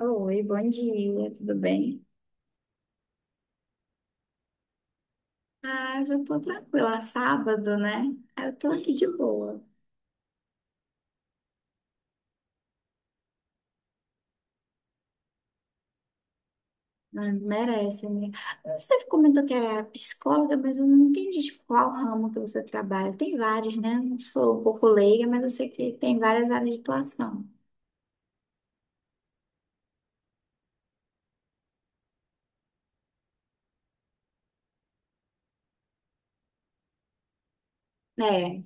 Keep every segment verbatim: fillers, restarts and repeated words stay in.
Oi, bom dia, tudo bem? Ah, já tô tranquila, sábado, né? Ah, Eu tô aqui de boa. Ah, merece, né? Você comentou que era psicóloga, mas eu não entendi, tipo, qual ramo que você trabalha. Tem vários, né? Não sou um pouco leiga, mas eu sei que tem várias áreas de atuação. É,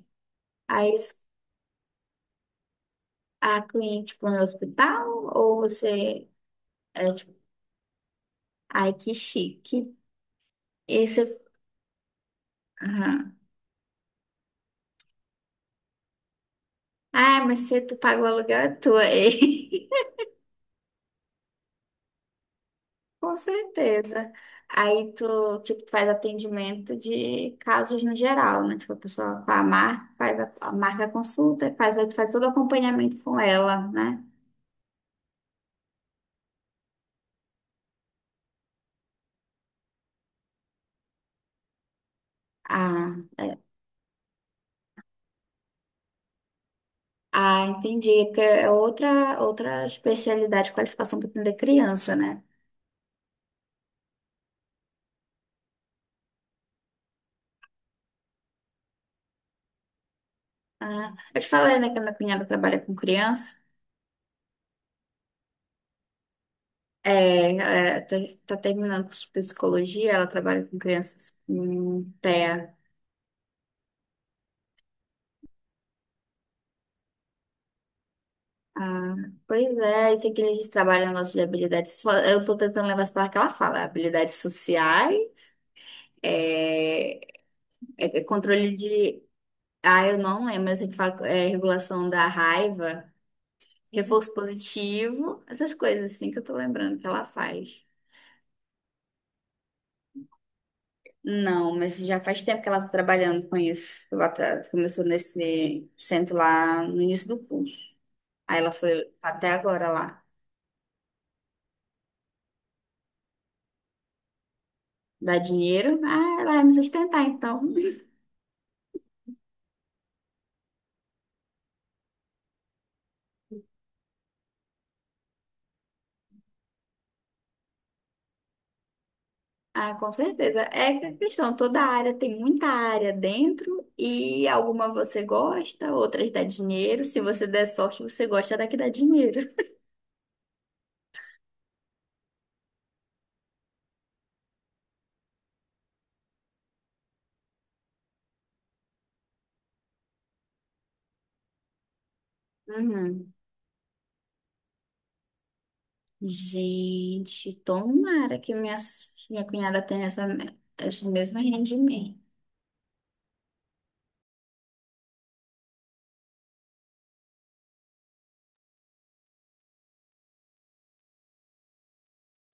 aí a cliente, tipo, no hospital, ou você, é, tipo, ai, que chique. E você, aham. Ah, mas se tu pagou o aluguel, é tua, hein? Com certeza. Aí tu, tipo, tu faz atendimento de casos no geral, né? Tipo, a pessoa faz mar faz a, a marca a consulta, faz, aí tu faz todo o acompanhamento com ela, né? Ah, é. Ah, entendi. É, porque é outra, outra especialidade, qualificação para atender criança, né? Ah, eu te falei, né, que a minha cunhada trabalha com criança. É, é, tá, tá terminando com psicologia, ela trabalha com crianças com TEA. Ah, pois é, isso aqui eles trabalham o nosso de habilidades. so- Eu estou tentando levar isso para que ela fala. Habilidades sociais, é, é- é controle de. Ah, eu não lembro, mas que fala é, regulação da raiva, reforço positivo, essas coisas assim que eu estou lembrando que ela faz. Não, mas já faz tempo que ela está trabalhando com isso. Ela tá- começou nesse centro lá no início do curso. Aí ela foi até agora lá. Dá dinheiro? Ah, ela vai me sustentar então. Ah, com certeza. É que a questão, toda área tem muita área dentro e alguma você gosta, outras dá dinheiro. Se você der sorte, você gosta da que dá dinheiro. Uhum. Gente, tomara que minha, minha cunhada tenha essa, esse mesmo rendimento.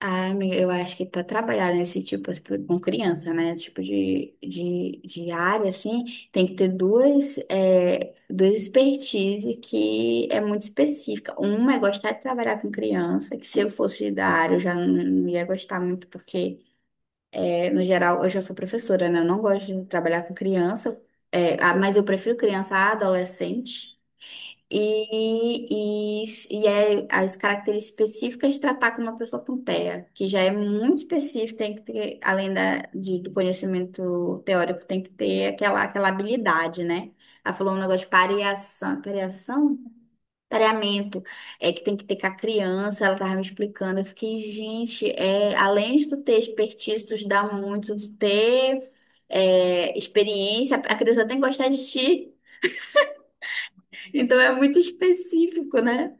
Ah, amiga, eu acho que para trabalhar nesse tipo, tipo, com criança, né? Esse tipo de, de, de área, assim, tem que ter duas, é, duas expertise que é muito específica. Uma é gostar de trabalhar com criança, que se eu fosse da área, eu já não, não ia gostar muito, porque, é, no geral, eu já fui professora, né? Eu não gosto de trabalhar com criança, é, ah, mas eu prefiro criança a adolescente. E, e, e é as características específicas de tratar com uma pessoa com TEA, que já é muito específico, tem que ter, além da, de- do conhecimento teórico, tem que ter aquela, aquela habilidade, né? Ela falou um negócio de pareação, pareação? Pareamento, é que tem que ter com a criança, ela tava me explicando. Eu fiquei, gente, é, além de tu ter expertise, tu dá muito, tu ter é, experiência, a criança tem que gostar de ti, então é muito específico, né?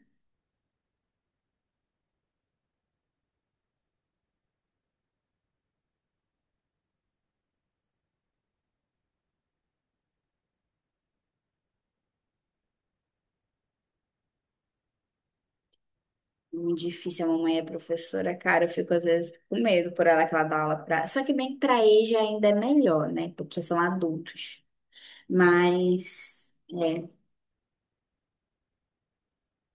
Muito difícil, a mamãe é professora, cara, eu fico às vezes com medo por ela que ela dá aula pra. Só que bem que pra EJA ainda é melhor, né? Porque são adultos. Mas, é.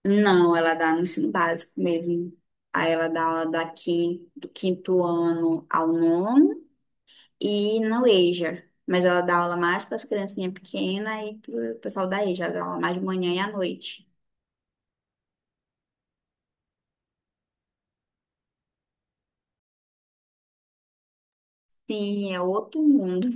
Não, ela dá no ensino básico mesmo. Aí ela dá aula da quin- do quinto ano ao nono e no EJA. Mas ela dá aula mais para as criancinhas pequenas e pro pessoal da EJA, ela dá aula mais de manhã e à noite. Sim, é outro mundo.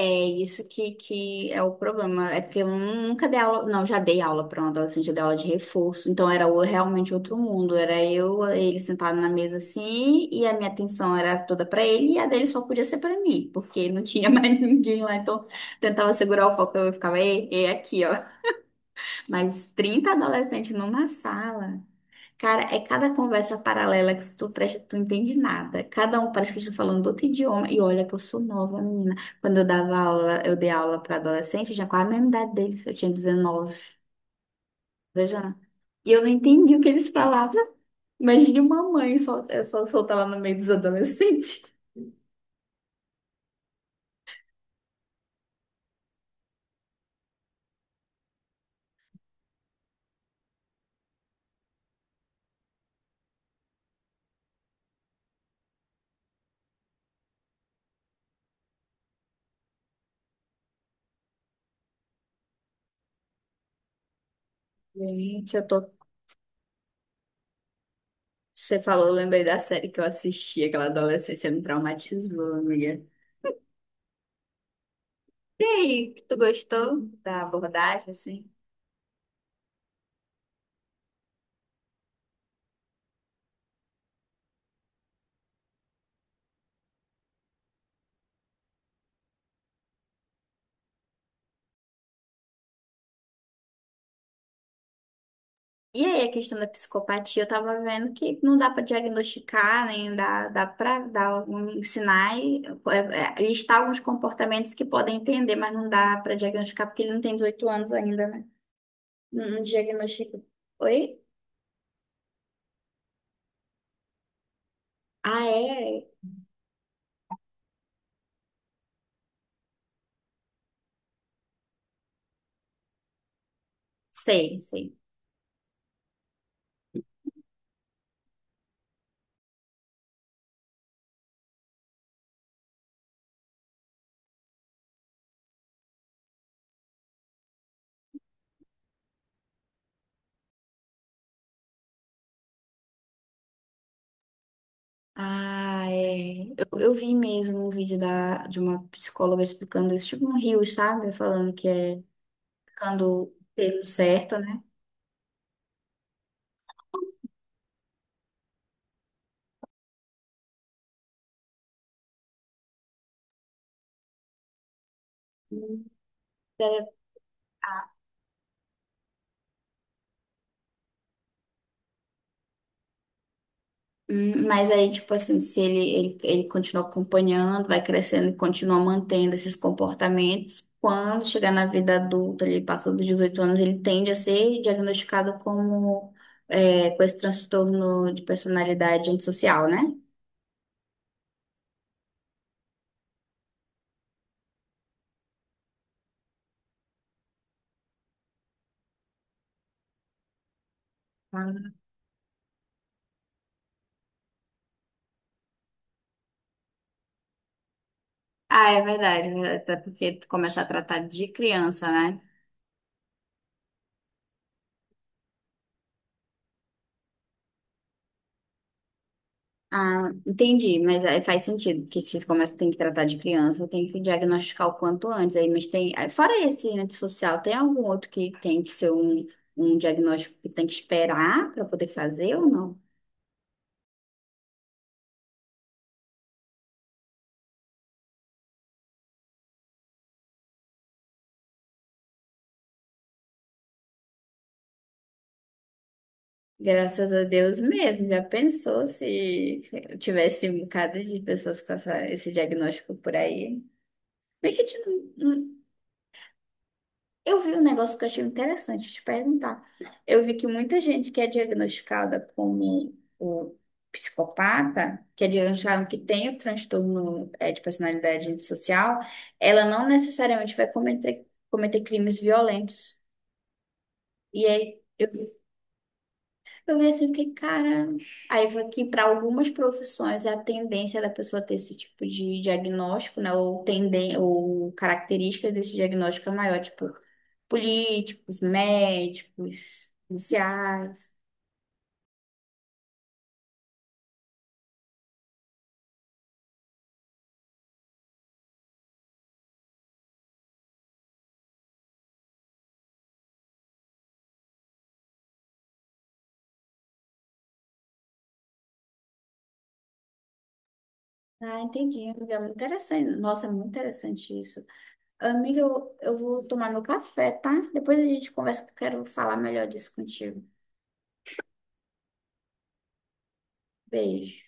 É isso que, que é o problema. É porque eu nunca dei aula. Não, já dei aula para um adolescente, eu dei aula de reforço. Então era o- realmente outro mundo. Era eu, ele sentado na mesa assim, e a minha atenção era toda para ele, e a dele só podia ser para mim, porque não tinha mais ninguém lá. Então tentava segurar o foco, eu ficava, ei, ei, aqui, ó. Mas trinta adolescentes numa sala. Cara, é cada conversa paralela que tu presta, tu não entende nada. Cada um parece que estão falando outro idioma. E olha que eu sou nova, menina. Quando eu dava aula, eu dei aula para adolescente, eu já com a mesma idade deles, eu tinha dezenove. Veja. E eu não entendi o que eles falavam. Imagine uma mãe só, eu só soltar lá no meio dos adolescentes. Gente, eu tô. Você falou, eu lembrei da série que eu assisti, aquela adolescência me traumatizou, amiga. E aí, que tu gostou da abordagem, assim? E aí, a questão da psicopatia, eu tava vendo que não dá pra diagnosticar, nem dá, dá para dar alguns sinais, é, é, listar alguns comportamentos que podem entender, mas não dá pra diagnosticar porque ele não tem dezoito anos ainda, né? Não, não diagnostica. Oi? Ah, é? Sei, sei. Ah, é. Eu, eu vi mesmo um vídeo da, de uma psicóloga explicando isso, tipo um rio, sabe? Falando que é ficando o termo certo, né? Hum. Hum, mas aí, tipo assim, se ele, ele, ele continua acompanhando, vai crescendo e continua mantendo esses comportamentos, quando chegar na vida adulta, ele passou dos dezoito anos, ele tende a ser diagnosticado como, é, com esse transtorno de personalidade antissocial, né? Ah, ah, é verdade, é verdade, até porque tu começa a tratar de criança, né? Ah, entendi, mas aí faz sentido que se começa tem que tratar de criança, tem que diagnosticar o quanto antes aí, mas tem, aí, fora esse antissocial, tem algum outro que tem que ser um, um diagnóstico que tem que esperar para poder fazer ou não? Graças a Deus mesmo, já pensou se tivesse um bocado de pessoas com essa- esse diagnóstico por aí? Mas que eu vi um negócio que eu achei interessante te perguntar. Eu vi que muita gente que é diagnosticada como o psicopata, que é diagnosticada que tem o transtorno eh, de personalidade antissocial, ela não necessariamente vai cometer, cometer crimes violentos. E aí eu eu vi assim, fiquei, cara. Aí foi que para algumas profissões é a tendência da pessoa ter esse tipo de diagnóstico, né? Ou tenden ou característica desse diagnóstico é maior, tipo políticos, médicos, policiais. Ah, entendi, amiga. É muito interessante. Nossa, é muito interessante isso. Amiga, eu, eu vou tomar meu café, tá? Depois a gente conversa que eu quero falar melhor disso contigo. Beijo.